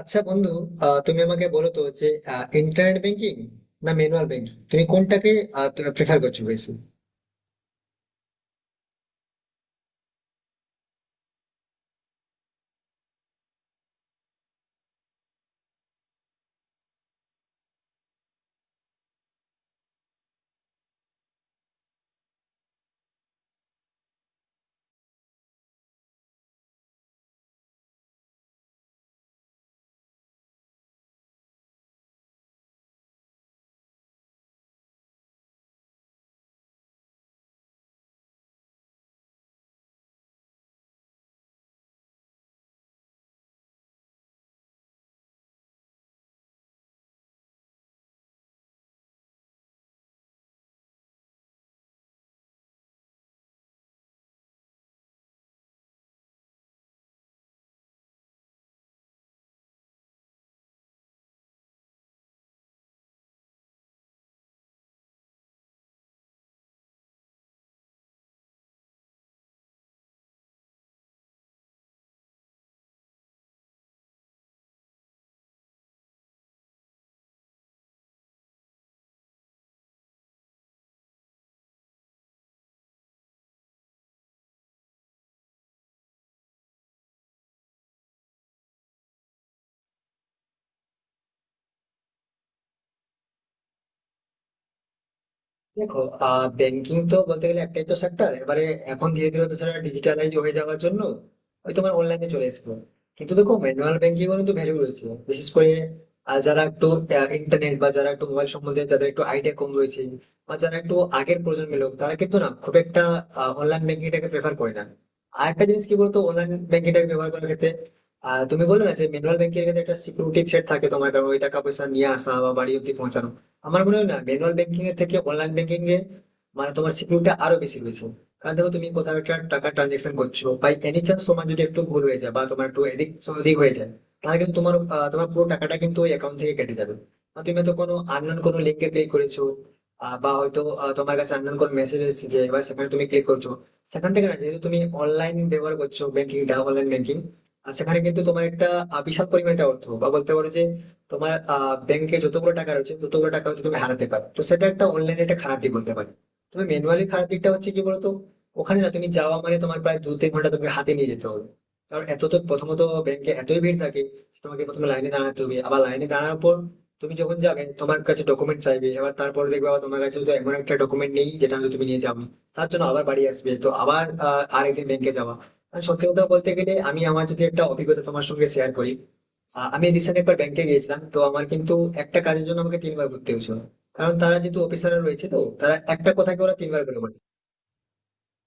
আচ্ছা বন্ধু, তুমি আমাকে বলো তো যে ইন্টারনেট ব্যাংকিং না ম্যানুয়াল ব্যাংকিং তুমি কোনটাকে প্রেফার করছো বেশি? দেখো, ব্যাংকিং তো বলতে গেলে একটাই তো সেক্টর এবারে। এখন ধীরে ধীরে তো সেটা ডিজিটালাইজ হয়ে যাওয়ার জন্য ওই তোমার অনলাইনে চলে এসেছে। কিন্তু দেখো, ম্যানুয়াল ব্যাংকিং এর কিন্তু ভ্যালু রয়েছে, বিশেষ করে যারা একটু ইন্টারনেট বা যারা একটু মোবাইল সম্বন্ধে যাদের একটু আইডিয়া কম রয়েছে, বা যারা একটু আগের প্রজন্মের লোক, তারা কিন্তু না খুব একটা অনলাইন ব্যাংকিংটাকে প্রেফার করে না। আর একটা জিনিস কি বলতো, অনলাইন ব্যাংকিংটাকে ব্যবহার করার ক্ষেত্রে তুমি বলো না যে ম্যানুয়াল ব্যাংকিং এর ক্ষেত্রে একটা সিকিউরিটি থ্রেট থাকে তোমার, কারণ ওই টাকা পয়সা নিয়ে আসা বা বাড়ি অব্দি পৌঁছানো। আমার মনে হয় না ম্যানুয়াল ব্যাংকিং এর থেকে অনলাইন ব্যাংকিং এ, মানে তোমার সিকিউরিটি আরো বেশি রয়েছে। কারণ দেখো, তুমি কোথাও একটা টাকা ট্রানজেকশন করছো বা এনি চান্স তোমার যদি একটু ভুল হয়ে যায় বা তোমার একটু এদিক ওদিক হয়ে যায়, তাহলে কিন্তু তোমার পুরো টাকাটা কিন্তু ওই অ্যাকাউন্ট থেকে কেটে যাবে। বা তুমি হয়তো কোনো আননোন কোনো লিঙ্কে ক্লিক করেছো, বা হয়তো তোমার কাছে আননোন কোনো মেসেজ এসেছে যে এবার সেখানে তুমি ক্লিক করছো। সেখান থেকে না, যেহেতু তুমি অনলাইন ব্যবহার করছো, ব্যাংকিংটা অনলাইন ব্যাংকিং। আর সেখানে কিন্তু তোমার একটা বিশাল পরিমাণে একটা অর্থ বা বলতে পারো যে তোমার ব্যাংকে যতগুলো টাকা রয়েছে ততগুলো টাকা হচ্ছে তুমি হারাতে পারো, তো সেটা একটা অনলাইনে একটা খারাপ দিক বলতে পারি। তুমি ম্যানুয়ালি খারাপ দিকটা হচ্ছে কি বলতো, ওখানে না তুমি যাওয়া মানে তোমার প্রায় দু তিন ঘন্টা তোমাকে হাতে নিয়ে যেতে হবে। কারণ এত তো প্রথমত ব্যাংকে এতই ভিড় থাকে যে তোমাকে প্রথমে লাইনে দাঁড়াতে হবে। আবার লাইনে দাঁড়ানোর পর তুমি যখন যাবে তোমার কাছে ডকুমেন্ট চাইবে, এবার তারপরে দেখবে আবার তোমার কাছে তো এমন একটা ডকুমেন্ট নেই যেটা হয়তো তুমি নিয়ে যাবে, তার জন্য আবার বাড়ি আসবে, তো আবার আরেকদিন ব্যাংকে যাওয়া। মানে সত্যি কথা বলতে গেলে আমার যদি একটা অভিজ্ঞতা তোমার সঙ্গে শেয়ার করি, আমি রিসেন্ট একবার ব্যাংকে গিয়েছিলাম, তো আমার কিন্তু একটা কাজের জন্য আমাকে তিনবার ঘুরতে হয়েছিল। কারণ তারা যেহেতু অফিসাররা রয়েছে, তো তারা একটা কথাকে ওরা তিনবার করে বলে।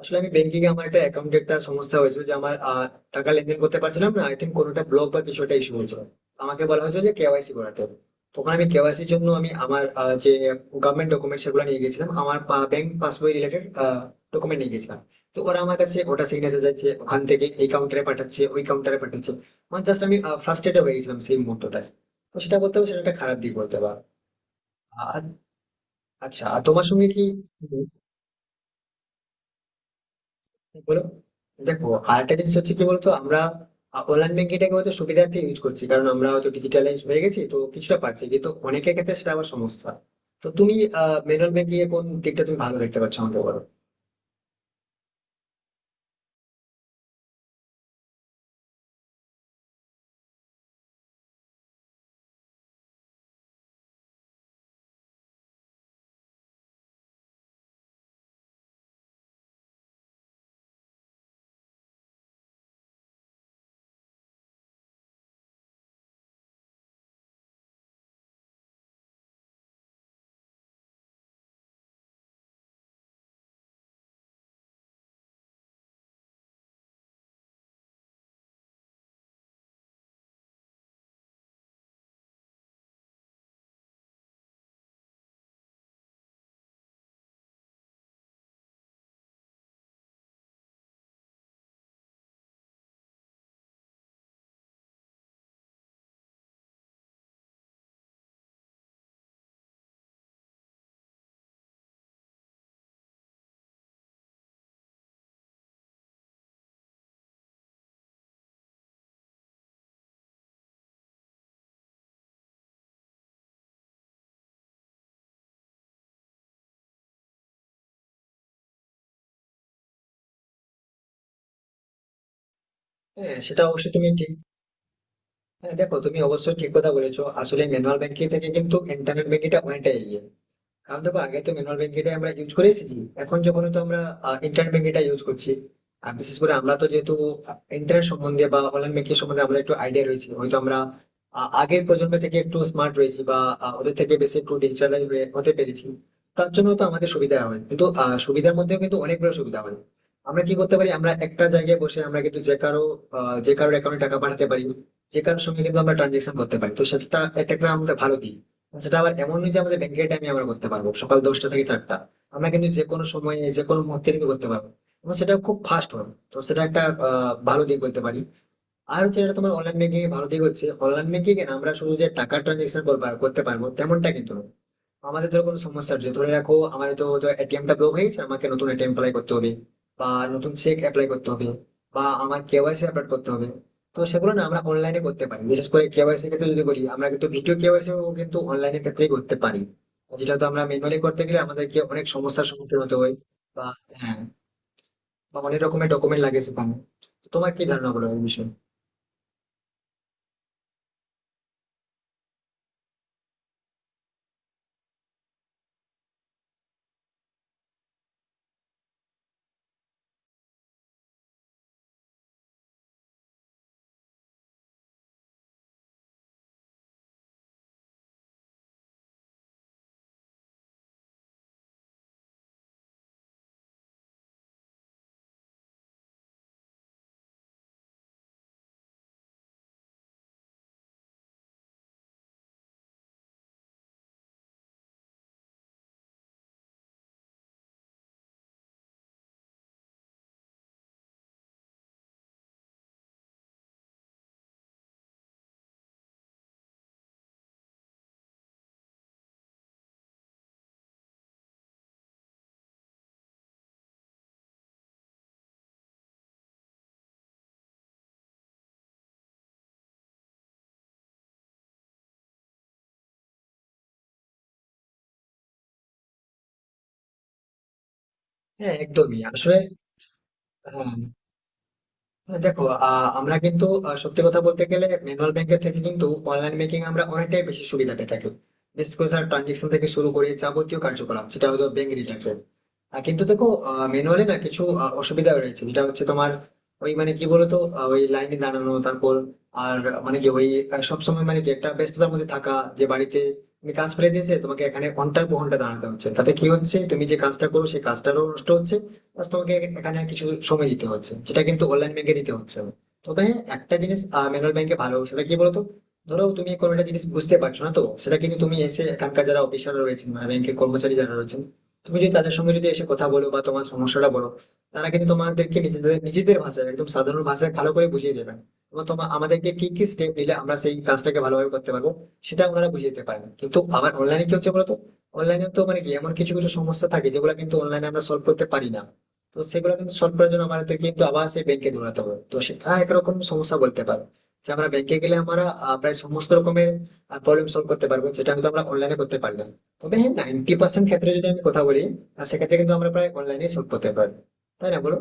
আসলে আমি ব্যাংকিং এ আমার একটা অ্যাকাউন্টে একটা সমস্যা হয়েছিল যে আমার টাকা লেনদেন করতে পারছিলাম না। আই থিঙ্ক কোনোটা ব্লক বা কিছু একটা ইস্যু হয়েছিল। আমাকে বলা হয়েছিল যে কেওয়াইসি করাতে হবে। তখন আমি কেওয়াইসির জন্য আমার যে গভর্নমেন্ট ডকুমেন্ট সেগুলো নিয়ে গেছিলাম, আমার ব্যাংক পাসবই রিলেটেড ডকুমেন্ট নিয়ে গেছিলাম। তো ওরা আমার কাছে ওটা সিগনেচার যাচ্ছে, ওখান থেকে এই কাউন্টারে পাঠাচ্ছে, ওই কাউন্টারে পাঠাচ্ছে, মানে জাস্ট আমি ফ্রাস্ট্রেটেড হয়ে গেছিলাম সেই মুহূর্তটায়। তো সেটা বলতে হবে, সেটা একটা খারাপ দিক বলতে পারো। আর- আচ্ছা, আর তোমার সঙ্গে কি? বলো। দেখো, আরেকটা জিনিস হচ্ছে কি বলতো, আমরা অনলাইন ব্যাংকিংটাকে হয়তো সুবিধার্থে ইউজ করছি, কারণ আমরা হয়তো ডিজিটালাইজ হয়ে গেছি তো কিছুটা পারছি, কিন্তু অনেকের ক্ষেত্রে সেটা আবার সমস্যা। তো তুমি ম্যানুয়াল ব্যাংকিং এ কোন দিকটা তুমি ভালো দেখতে পাচ্ছ আমাকে বলো। হ্যাঁ, সেটা অবশ্যই তুমি ঠিক। হ্যাঁ দেখো, তুমি অবশ্যই ঠিক কথা বলেছো। আসলে ম্যানুয়াল ব্যাংকিং থেকে কিন্তু ইন্টারনেট ব্যাংকিংটা অনেকটা এগিয়ে। কারণ দেখো, আগে তো ম্যানুয়াল ব্যাংকিংটাই আমরা ইউজ করে এসেছি, এখন যখন তো আমরা ইন্টারনেট ব্যাংকিংটা ইউজ করছি। আর বিশেষ করে আমরা তো যেহেতু ইন্টারনেট সম্বন্ধে বা অনলাইন ব্যাংকিং সম্বন্ধে আমাদের একটু আইডিয়া রয়েছে, হয়তো আমরা আগের প্রজন্ম থেকে একটু স্মার্ট রয়েছি বা ওদের থেকে বেশি একটু ডিজিটাল হতে পেরেছি। তার জন্য তো আমাদের সুবিধা হয়, কিন্তু সুবিধার মধ্যেও কিন্তু অনেকগুলো সুবিধা হয়। আমরা কি করতে পারি, আমরা একটা জায়গায় বসে আমরা কিন্তু যে কারোর অ্যাকাউন্টে টাকা পাঠাতে পারি, যে কারোর সঙ্গে কিন্তু আমরা ট্রানজেকশন করতে পারি, তো সেটা এটা একটা আমাদের ভালো দিক। সেটা আবার এমন নয় যে আমাদের ব্যাংকের টাইমে আমরা করতে পারবো সকাল দশটা থেকে চারটা। আমরা কিন্তু যে কোনো সময়ে যে কোনো মুহূর্তে কিন্তু করতে পারবো, এবং সেটা খুব ফাস্ট হবে, তো সেটা একটা ভালো দিক বলতে পারি। আর হচ্ছে, এটা তোমার অনলাইন ব্যাংকিং এর ভালো দিক হচ্ছে, অনলাইন ব্যাংকিং এ না আমরা শুধু যে টাকা ট্রানজেকশন করতে পারবো তেমনটা কিন্তু না। আমাদের ধরো কোনো সমস্যা হচ্ছে, ধরে রাখো আমার তো এটিএম টা ব্লক হয়ে গেছে, আমাকে নতুন এটিএম অ্যাপ্লাই করতে হবে, বা নতুন চেক অ্যাপ্লাই করতে হবে, বা আমার কেওয়াইসি আপডেট করতে হবে। তো সেগুলো না আমরা অনলাইনে করতে পারি, বিশেষ করে কেওয়াইসি ক্ষেত্রে যদি করি, আমরা কিন্তু ভিডিও কেওয়াইসি কিন্তু অনলাইনের ক্ষেত্রেই করতে পারি, যেটা তো আমরা ম্যানুয়ালি করতে গেলে আমাদেরকে অনেক সমস্যার সম্মুখীন হতে হয়। বা, হ্যাঁ, বা অনেক রকমের ডকুমেন্ট লাগে সেখানে। তো তোমার কি ধারণা বলো এই বিষয়ে? হ্যাঁ একদমই আসলে। হ্যাঁ দেখো, আমরা কিন্তু সত্যি কথা বলতে গেলে ম্যানুয়াল ব্যাংকের থেকে কিন্তু অনলাইন ব্যাংকিং আমরা অনেকটাই বেশি সুবিধা পেয়ে থাকি। বিশেষ করে ট্রানজেকশন থেকে শুরু করে যাবতীয় কার্যকলাপ যেটা হয়তো ব্যাংক রিলেটেড। কিন্তু দেখো, ম্যানুয়ালি না কিছু অসুবিধা রয়েছে, যেটা হচ্ছে তোমার ওই মানে কি বলতো, ওই লাইনে দাঁড়ানো, তারপর আর মানে কি ওই সবসময় মানে কি একটা ব্যস্ততার মধ্যে থাকা, যে বাড়িতে তুমি কাজ ফেলে দিয়েছে তোমাকে এখানে ঘন্টার পর ঘন্টা দাঁড়াতে হচ্ছে, তাতে কি হচ্ছে তুমি যে কাজটা করো সেই কাজটারও নষ্ট হচ্ছে, বাস তোমাকে এখানে কিছু সময় দিতে হচ্ছে, যেটা কিন্তু অনলাইন ব্যাংকে দিতে হচ্ছে না। তবে হ্যাঁ, একটা জিনিস ম্যানুয়াল ব্যাংকে ভালো, সেটা কি বলতো, ধরো তুমি কোনো একটা জিনিস বুঝতে পারছো না, তো সেটা কিন্তু তুমি এসে এখানকার যারা অফিসার রয়েছেন, মানে ব্যাংকের কর্মচারী যারা রয়েছেন, তুমি যদি তাদের সঙ্গে যদি এসে কথা বলো বা তোমার সমস্যাটা বলো, তারা কিন্তু তোমাদেরকে নিজেদের নিজেদের ভাষায়, একদম সাধারণ ভাষায় ভালো করে বুঝিয়ে দেবেন। এবং তোমার আমাদেরকে কি কি স্টেপ নিলে আমরা সেই কাজটাকে ভালোভাবে করতে পারবো, সেটা ওনারা বুঝিয়ে দিতে পারেন। কিন্তু আবার অনলাইনে কি হচ্ছে বলতো, অনলাইনে তো মানে কি এমন কিছু কিছু সমস্যা থাকে যেগুলো কিন্তু অনলাইনে আমরা সলভ করতে পারি না। তো সেগুলো কিন্তু সলভ করার জন্য আমাদের কিন্তু আবার সেই ব্যাংকে দৌড়াতে হবে, তো সেটা একরকম সমস্যা বলতে পারো, যে আমরা ব্যাংকে গেলে আমরা প্রায় সমস্ত রকমের প্রবলেম সলভ করতে পারবো, যেটা হয়তো আমরা অনলাইনে করতে পারলাম। তবে হ্যাঁ, 90% ক্ষেত্রে যদি আমি কথা বলি, সেক্ষেত্রে কিন্তু আমরা প্রায় অনলাইনে সলভ করতে পারবো। তাই না বলো?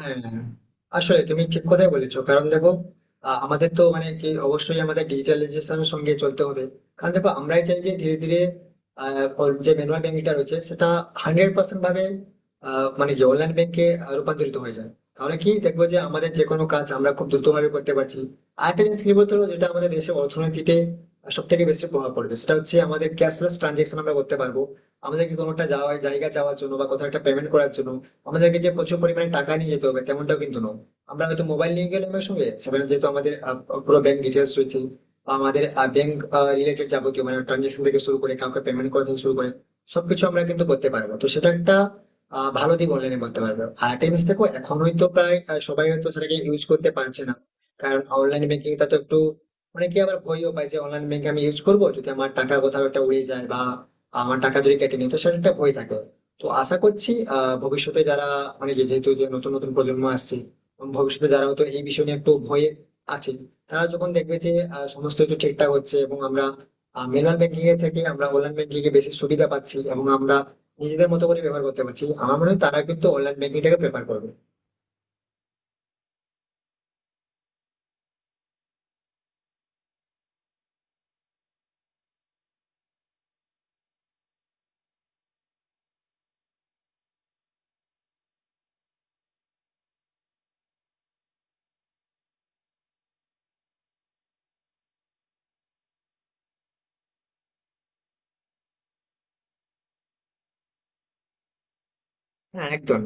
হ্যাঁ আসলে তুমি ঠিক কথাই বলেছো। কারণ দেখো, আমাদের তো মানে কি অবশ্যই আমাদের ডিজিটালাইজেশনের সঙ্গে চলতে হবে। কারণ দেখো, আমরাই চাই যে ধীরে ধীরে ওর যে ম্যানুয়াল ব্যাংকিংটা রয়েছে সেটা 100% ভাবে মানে কি অনলাইন ব্যাংকে রূপান্তরিত হয়ে যায়। তাহলে কি দেখবো যে আমাদের যে কোনো কাজ আমরা খুব দ্রুত ভাবে করতে পারছি। আর একটা জিনিস কি বলতো, যেটা আমাদের দেশের অর্থনীতিতে সব থেকে বেশি প্রভাব পড়বে সেটা হচ্ছে আমাদের ক্যাশলেস ট্রানজেকশন আমরা করতে পারবো। আমাদেরকে কোনো একটা যাওয়া জায়গা যাওয়ার জন্য বা কোথাও একটা পেমেন্ট করার জন্য আমাদেরকে যে প্রচুর পরিমাণে টাকা নিয়ে যেতে হবে তেমনটাও কিন্তু নয়। আমরা হয়তো মোবাইল নিয়ে গেলাম, এর সঙ্গে সেখানে যেহেতু আমাদের পুরো ব্যাংক ডিটেলস রয়েছে বা আমাদের ব্যাংক রিলেটেড যাবতীয়, মানে ট্রানজেকশন থেকে শুরু করে কাউকে পেমেন্ট করা থেকে শুরু করে সবকিছু আমরা কিন্তু করতে পারবো, তো সেটা একটা ভালো দিক অনলাইনে বলতে পারবো। আর টেনিস দেখো, এখন হয়তো প্রায় সবাই হয়তো সেটাকে ইউজ করতে পারছে না। কারণ অনলাইন ব্যাংকিংটা তো একটু, অনেকে আবার ভয়ও পায় যে অনলাইন ব্যাংক আমি ইউজ করবো যদি আমার টাকা কোথাও একটা উড়ে যায় বা আমার টাকা যদি কেটে নিই, তো সেটা একটা ভয় থাকে। তো আশা করছি ভবিষ্যতে যারা, মানে যেহেতু যে নতুন নতুন প্রজন্ম আসছে এবং ভবিষ্যতে যারা হয়তো এই বিষয় নিয়ে একটু ভয়ে আছে, তারা যখন দেখবে যে সমস্ত কিছু ঠিকঠাক হচ্ছে এবং আমরা ম্যানুয়াল ব্যাংকিং এর থেকে আমরা অনলাইন ব্যাংকিং এ বেশি সুবিধা পাচ্ছি এবং আমরা নিজেদের মতো করে ব্যবহার করতে পারছি, আমার মনে হয় তারা কিন্তু অনলাইন ব্যাংকিং টাকে প্রেফার করবে। হ্যাঁ, একদম।